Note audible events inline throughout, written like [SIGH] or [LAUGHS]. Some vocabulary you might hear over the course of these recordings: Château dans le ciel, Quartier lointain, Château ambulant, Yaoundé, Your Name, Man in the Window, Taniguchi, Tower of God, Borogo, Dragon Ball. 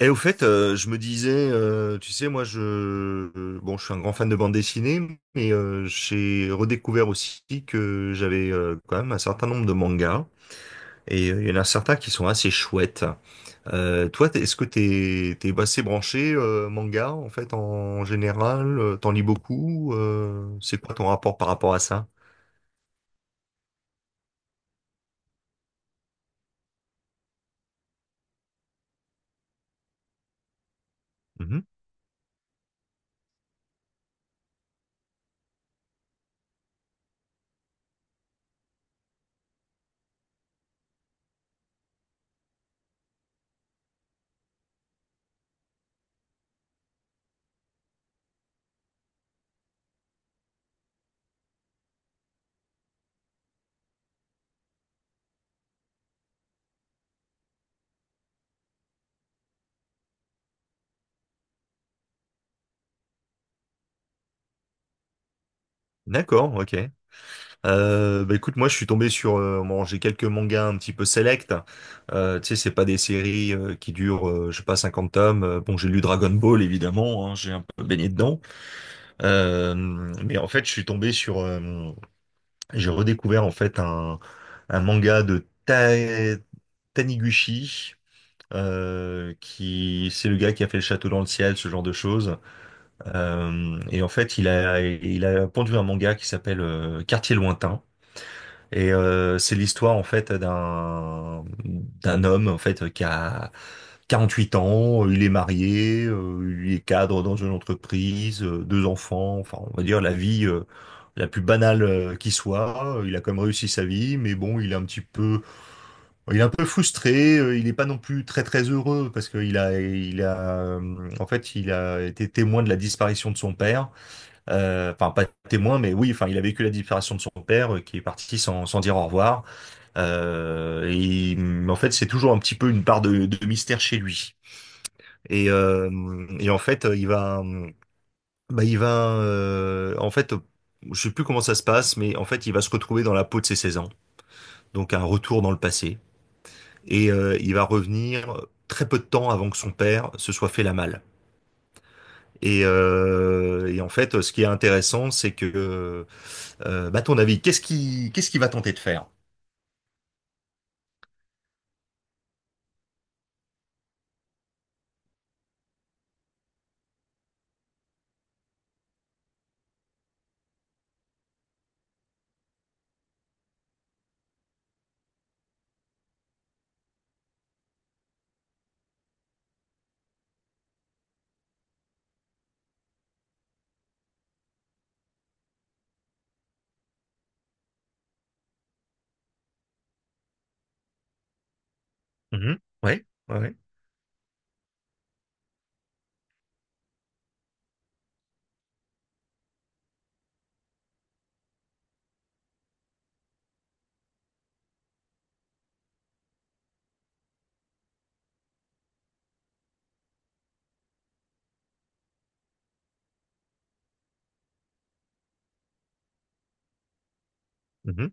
Et au fait, je me disais, tu sais, moi, bon, je suis un grand fan de bande dessinée, mais j'ai redécouvert aussi que j'avais quand même un certain nombre de mangas, et il y en a certains qui sont assez chouettes. Toi, est-ce que t'es assez branché manga en fait en général? T'en lis beaucoup? C'est quoi ton rapport par rapport à ça? Mhm. D'accord, ok. Bah écoute, moi je suis tombé sur, bon, j'ai quelques mangas un petit peu select. Tu sais, c'est pas des séries qui durent, je sais pas, 50 tomes. Bon, j'ai lu Dragon Ball évidemment, hein, j'ai un peu baigné dedans. Euh, mais en fait, je suis tombé sur, j'ai redécouvert en fait un manga de Taniguchi. Qui c'est le gars qui a fait le Château dans le ciel, ce genre de choses. Et en fait, il a pondu un manga qui s'appelle Quartier lointain. Et c'est l'histoire en fait d'un homme en fait qui a 48 ans, il est marié, il est cadre dans une entreprise, deux enfants, enfin on va dire la vie la plus banale qui soit. Il a quand même réussi sa vie, mais bon, il est un peu frustré. Il n'est pas non plus très très heureux parce qu'en fait, il a été témoin de la disparition de son père. Enfin, pas témoin, mais oui, enfin, il a vécu la disparition de son père qui est parti sans dire au revoir. Et en fait, c'est toujours un petit peu une part de mystère chez lui. Et, euh, et en fait, il va, bah, en fait, je sais plus comment ça se passe, mais en fait, il va se retrouver dans la peau de ses 16 ans, donc un retour dans le passé. Et il va revenir très peu de temps avant que son père se soit fait la malle. Et en fait, ce qui est intéressant, c'est que, bah, à ton avis, qu'est-ce qu'il va tenter de faire? Mhm. Ouais, ouais, ouais. Mhm.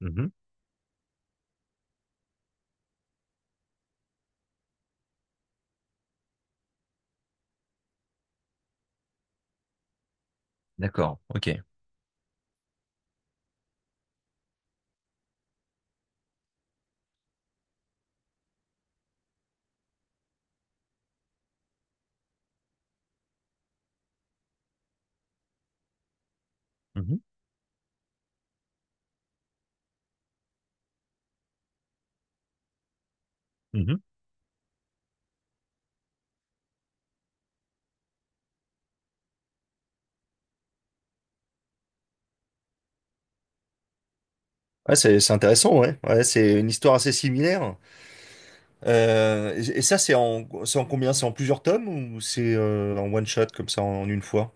Mhm. D'accord, ok. Mhm. Mhm. Ouais, c'est intéressant, ouais. Ouais, c'est une histoire assez similaire. Et ça, c'est en combien? C'est en plusieurs tomes ou c'est en one shot comme ça en, une fois?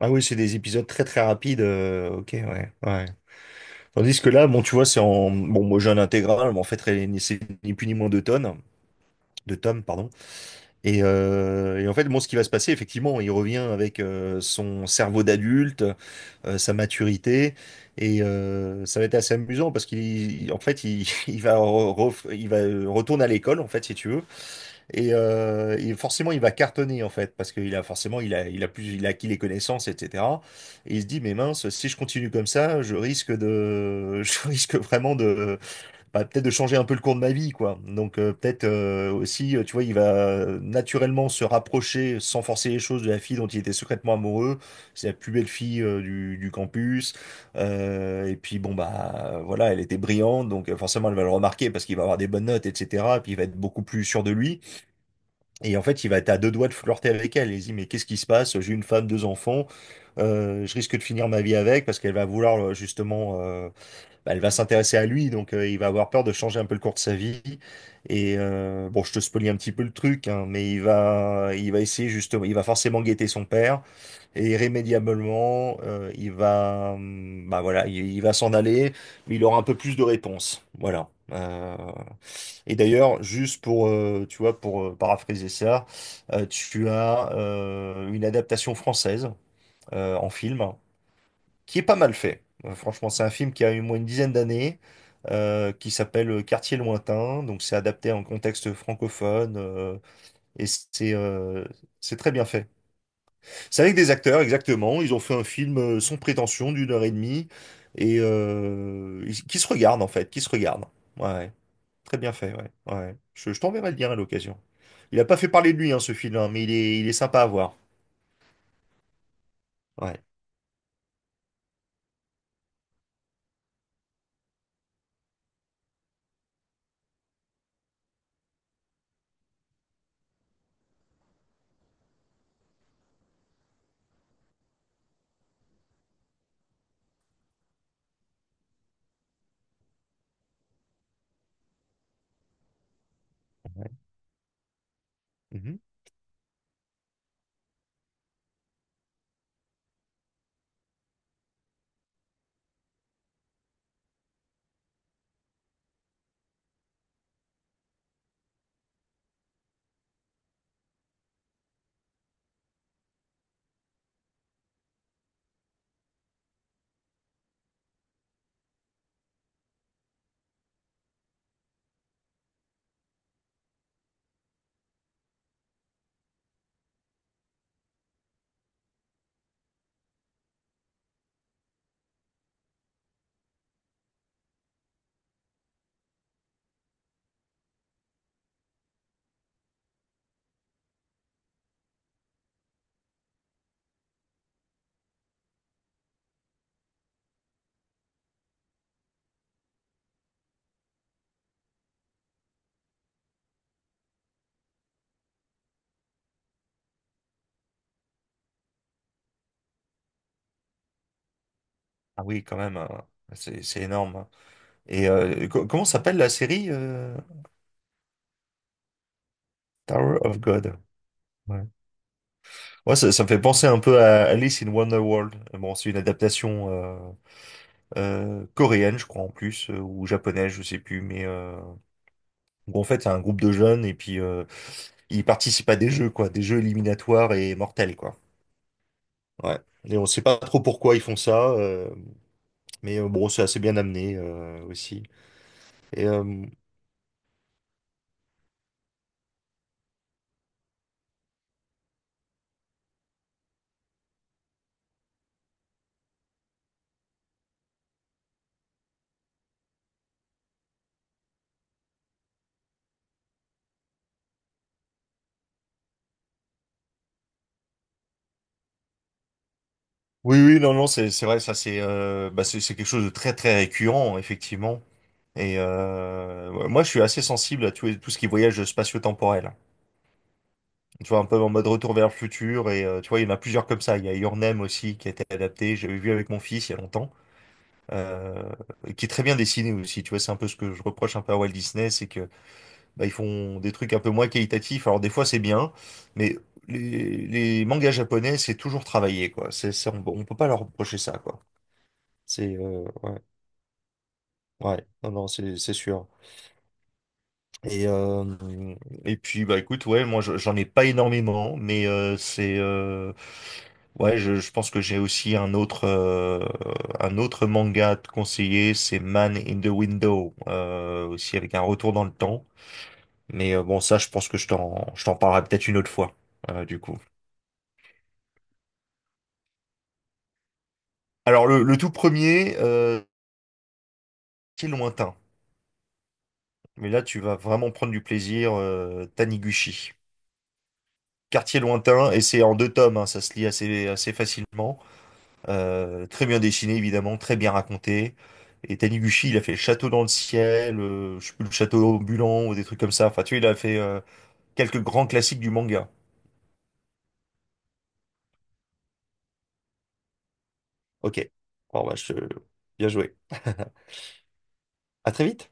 Ah oui, c'est des épisodes très très rapides. Ok, ouais, ouais. Tandis que là, bon, tu vois, c'est en bon, moi j'ai un intégral, mais en fait, c'est ni plus ni moins deux tonnes, deux tomes, pardon. Et en fait, bon, ce qui va se passer, effectivement, il revient avec son cerveau d'adulte. Sa maturité. Et ça va être assez amusant parce qu'il, en fait, il, [LAUGHS] il va, retourne à l'école, en fait, si tu veux. Et forcément, il va cartonner, en fait, parce qu'il a forcément, il a plus, il a acquis les connaissances, etc. Et il se dit, mais mince, si je continue comme ça, je risque de, [LAUGHS] je risque vraiment de, bah, peut-être de changer un peu le cours de ma vie, quoi. Donc peut-être aussi, tu vois, il va naturellement se rapprocher, sans forcer les choses, de la fille dont il était secrètement amoureux. C'est la plus belle fille du campus. Et puis bon, bah voilà, elle était brillante, donc forcément elle va le remarquer parce qu'il va avoir des bonnes notes, etc. Et puis il va être beaucoup plus sûr de lui. Et en fait, il va être à deux doigts de flirter avec elle. Il se dit, mais qu'est-ce qui se passe? J'ai une femme, deux enfants. Je risque de finir ma vie avec parce qu'elle va vouloir justement bah, elle va s'intéresser à lui, donc il va avoir peur de changer un peu le cours de sa vie. Et bon, je te spoilie un petit peu le truc, hein, mais il va essayer justement, il va forcément guetter son père, et irrémédiablement, bah voilà, il va s'en aller, mais il aura un peu plus de réponses, voilà. Et d'ailleurs, juste pour, tu vois, pour paraphraser ça, tu as une adaptation française en film qui est pas mal fait. Franchement, c'est un film qui a eu moins une dizaine d'années, qui s'appelle Quartier lointain. Donc, c'est adapté en contexte francophone et c'est très bien fait. C'est avec des acteurs, exactement. Ils ont fait un film sans prétention d'une heure et demie et qui se regardent en fait, qui se regardent. Ouais, ouais. Très bien fait. Ouais, ouais, ouais. Je t'enverrai le lien à l'occasion. Il a pas fait parler de lui hein, ce film, hein, mais il est sympa à voir. Ouais. Ouais. Mhm. Ah oui, quand même. Hein. C'est énorme. Hein. Et comment s'appelle la série Tower of God. Ouais, Ouais, ça me fait penser un peu à Alice in Wonderworld. Bon, c'est une adaptation coréenne, je crois en plus, ou japonaise, je sais plus. Mais où en fait, c'est un groupe de jeunes et puis ils participent à des jeux, quoi, des jeux éliminatoires et mortels, quoi. Ouais. Et on sait pas trop pourquoi ils font ça, mais bon, c'est assez bien amené aussi. Et oui, oui, non, non, c'est vrai, ça c'est bah, c'est quelque chose de très très récurrent effectivement. Et ouais, moi, je suis assez sensible à tout, tout ce qui est voyage spatio-temporel. Tu vois, un peu en mode Retour vers le futur. Et tu vois, il y en a plusieurs comme ça. Il y a Your Name aussi qui a été adapté. J'avais vu avec mon fils il y a longtemps, euh, et qui est très bien dessiné aussi. Tu vois, c'est un peu ce que je reproche un peu à Walt Disney, c'est que bah, ils font des trucs un peu moins qualitatifs. Alors des fois, c'est bien, mais les mangas japonais, c'est toujours travaillé, quoi. On peut pas leur reprocher ça, quoi. C'est ouais, ouais, non, non, c'est sûr. Et, euh, et puis bah écoute, ouais, moi j'en ai pas énormément, mais c'est ouais, je pense que j'ai aussi un autre manga à te conseiller, c'est Man in the Window, aussi avec un retour dans le temps. Mais bon, ça, je pense que je t'en parlerai peut-être une autre fois, du coup. Alors le tout premier, c'est lointain, mais là tu vas vraiment prendre du plaisir, Taniguchi. Quartier lointain, et c'est en deux tomes, hein, ça se lit assez facilement. Très bien dessiné, évidemment, très bien raconté. Et Taniguchi, il a fait Château dans le ciel, je sais plus, le Château ambulant ou des trucs comme ça. Enfin, tu vois, il a fait quelques grands classiques du manga. Ok. Bon, bah, je... Bien joué. [LAUGHS] À très vite.